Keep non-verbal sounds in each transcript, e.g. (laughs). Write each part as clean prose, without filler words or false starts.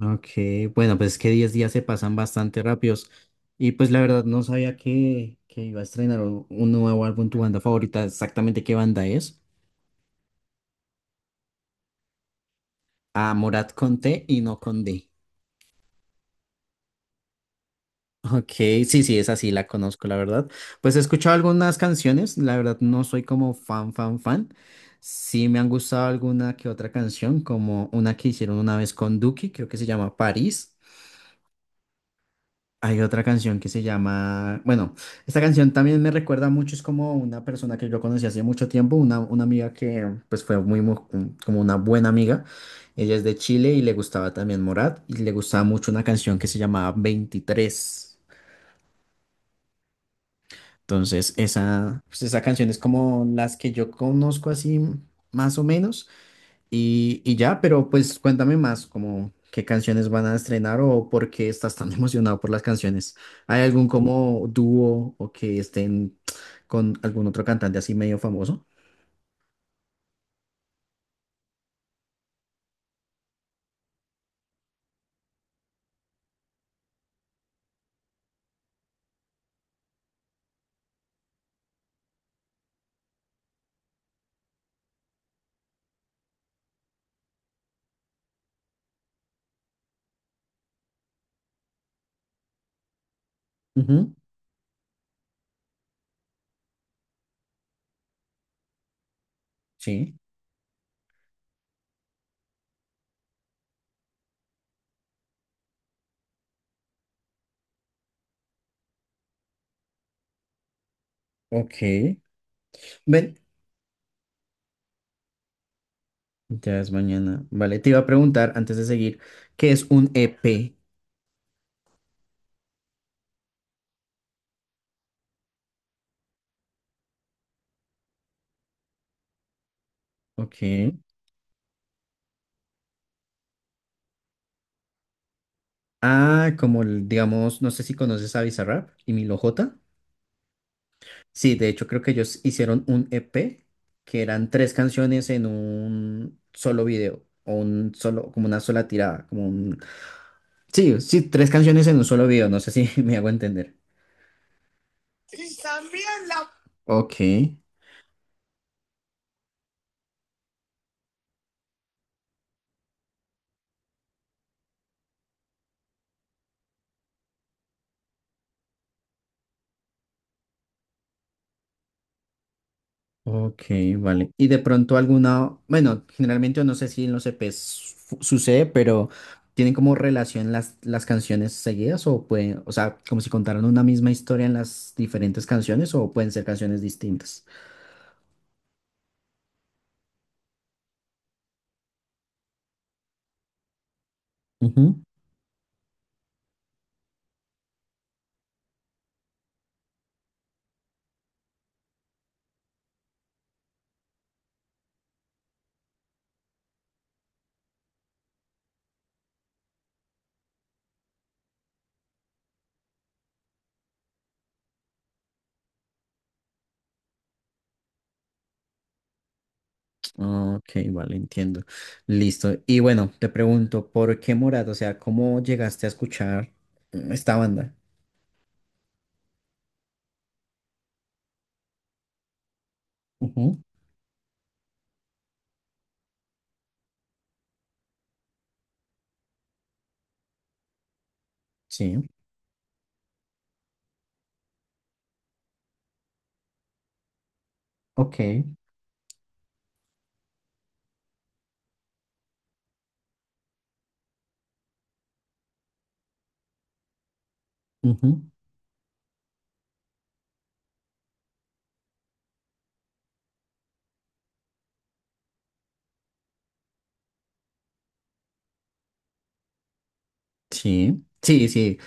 Ok, bueno, pues es que 10 días se pasan bastante rápidos. Y pues la verdad no sabía que iba a estrenar un nuevo álbum, tu banda favorita, exactamente qué banda es. Ah, Morat con T y no con D. Ok, sí, sí, esa sí la conozco, la verdad. Pues he escuchado algunas canciones, la verdad no soy como fan, fan, fan. Sí me han gustado alguna que otra canción, como una que hicieron una vez con Duki, creo que se llama París. Hay otra canción que se llama, bueno, esta canción también me recuerda mucho, es como una persona que yo conocí hace mucho tiempo, una amiga que pues fue muy, como una buena amiga, ella es de Chile y le gustaba también Morat y le gustaba mucho una canción que se llamaba 23. Entonces, esa, pues, esa canción es como las que yo conozco así más o menos. Y ya, pero pues cuéntame más, como qué canciones van a estrenar o por qué estás tan (laughs) emocionado por las canciones. ¿Hay algún como dúo o que estén con algún otro cantante así medio famoso? Ujú. Sí, ok. Ven, ya es mañana. Vale, te iba a preguntar antes de seguir, ¿qué es un EP? Ok. Ah, digamos, no sé si conoces a Bizarrap y Milo J. Sí, de hecho creo que ellos hicieron un EP que eran tres canciones en un solo video o un solo, como una sola tirada, como un... Sí, sí, tres canciones en un solo video, no sé si (laughs) me hago entender. Y también ok, ok, vale. Y de pronto alguna, bueno, generalmente no sé si en los EPs sucede, pero ¿tienen como relación las canciones seguidas o pueden, o sea, como si contaran una misma historia en las diferentes canciones o pueden ser canciones distintas? Ah, ok, vale, entiendo. Listo. Y bueno, te pregunto, ¿por qué Morat? O sea, ¿cómo llegaste a escuchar esta banda? Ujú. Sí. Ok. Ujú. Sí. Sí, sí.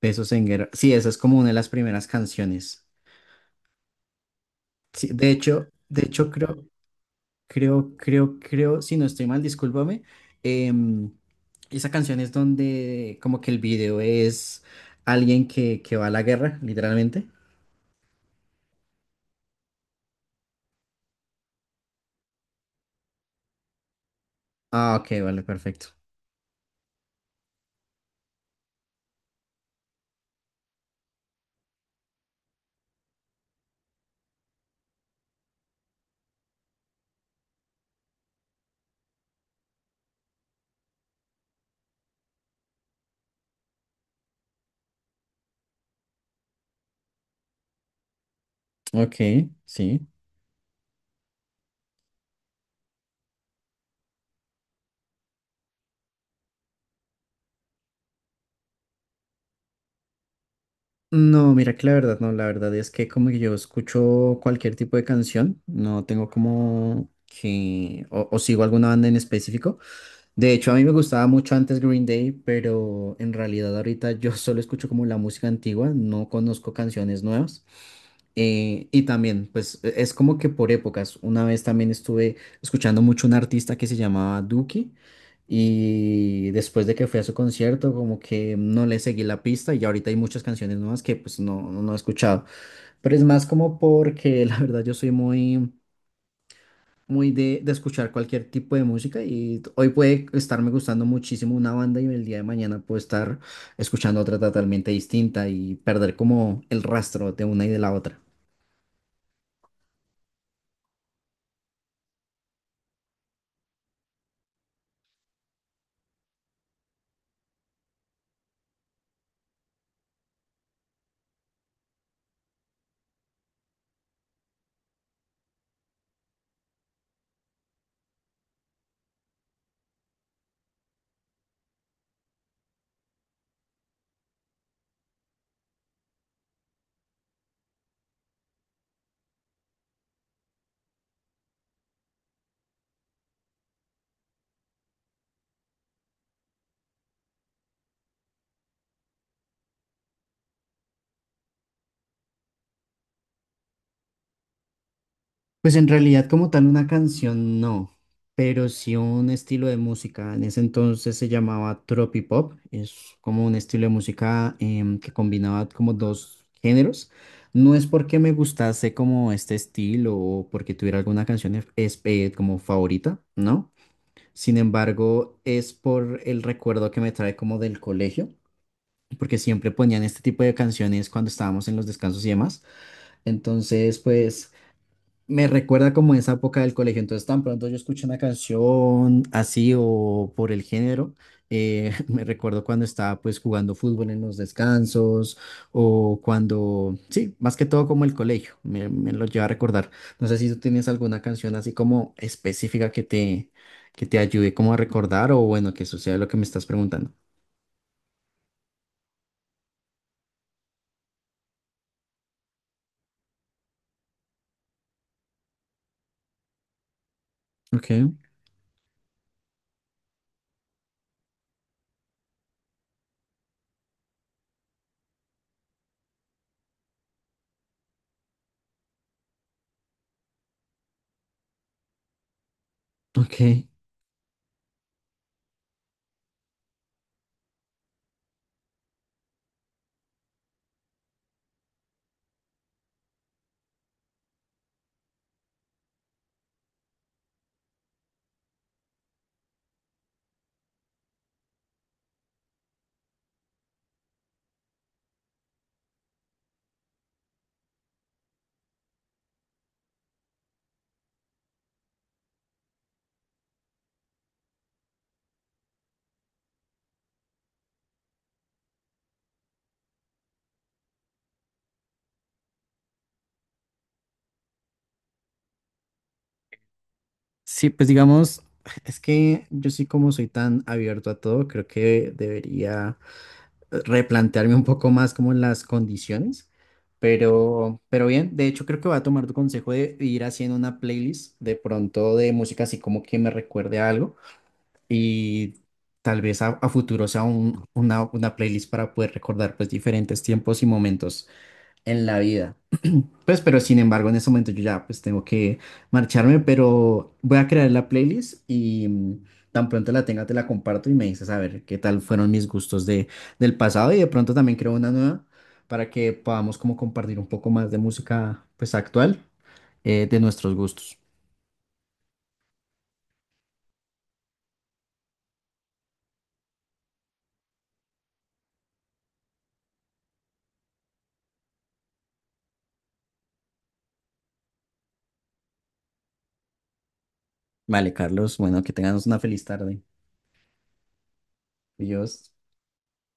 Besos en guerra. Sí, esa es como una de las primeras canciones. Sí, de hecho, creo, si no estoy mal, discúlpame. em, Esa canción es donde como que el video es alguien que va a la guerra, literalmente. Ah, ok, vale, perfecto. Ok, sí. No, mira que la verdad no, la verdad es que como que yo escucho cualquier tipo de canción, no tengo como que, o sigo alguna banda en específico, de hecho, a mí me gustaba mucho antes Green Day, pero en realidad ahorita yo (laughs) solo escucho como la música antigua, no conozco canciones nuevas. Y también, pues es como que por épocas. Una vez también estuve escuchando mucho un artista que se llamaba Duki y después de que fui a su concierto, como que no le seguí la pista y ahorita hay muchas canciones nuevas que pues no he escuchado. Pero es más como porque (laughs) la verdad yo soy muy muy de escuchar cualquier tipo de música y hoy puede estarme gustando muchísimo una banda y el día de mañana puedo estar escuchando otra totalmente distinta y perder como el rastro de una y de la otra. Pues en realidad como tal una canción no, pero sí un estilo de música. En ese entonces se llamaba tropipop, es como un estilo de música que combinaba como dos géneros. No es porque me gustase como este estilo o porque tuviera alguna canción como favorita, ¿no? Sin embargo, es por el recuerdo que me trae como del colegio, porque siempre ponían este tipo de canciones cuando estábamos en los descansos y demás. Entonces, pues me recuerda como esa época del colegio. Entonces, tan pronto yo escuché una canción así o por el género, (laughs) me recuerdo cuando estaba pues jugando fútbol en los descansos o cuando, sí, más que todo como el colegio, me lo lleva a recordar. No sé si tú tienes alguna canción así como específica que te ayude como a recordar o bueno, que suceda lo que me estás preguntando. Ok, ok. Sí, pues digamos, es que yo sí como soy tan abierto a todo, creo que debería replantearme un poco más como las condiciones, pero bien, de hecho creo que voy a tomar tu consejo de ir haciendo una playlist de pronto de música así como que me recuerde a algo y tal vez a futuro sea una playlist para poder recordar pues diferentes tiempos y momentos en la vida. Pues, pero sin embargo, en ese momento yo ya pues tengo que marcharme, pero voy a crear la playlist y tan pronto la tenga te la comparto y me dices a ver qué tal fueron mis gustos de, del pasado y de pronto también creo una nueva para que podamos como compartir un poco más de música pues actual de nuestros gustos. Vale, Carlos, bueno, que tengamos una feliz tarde. Adiós.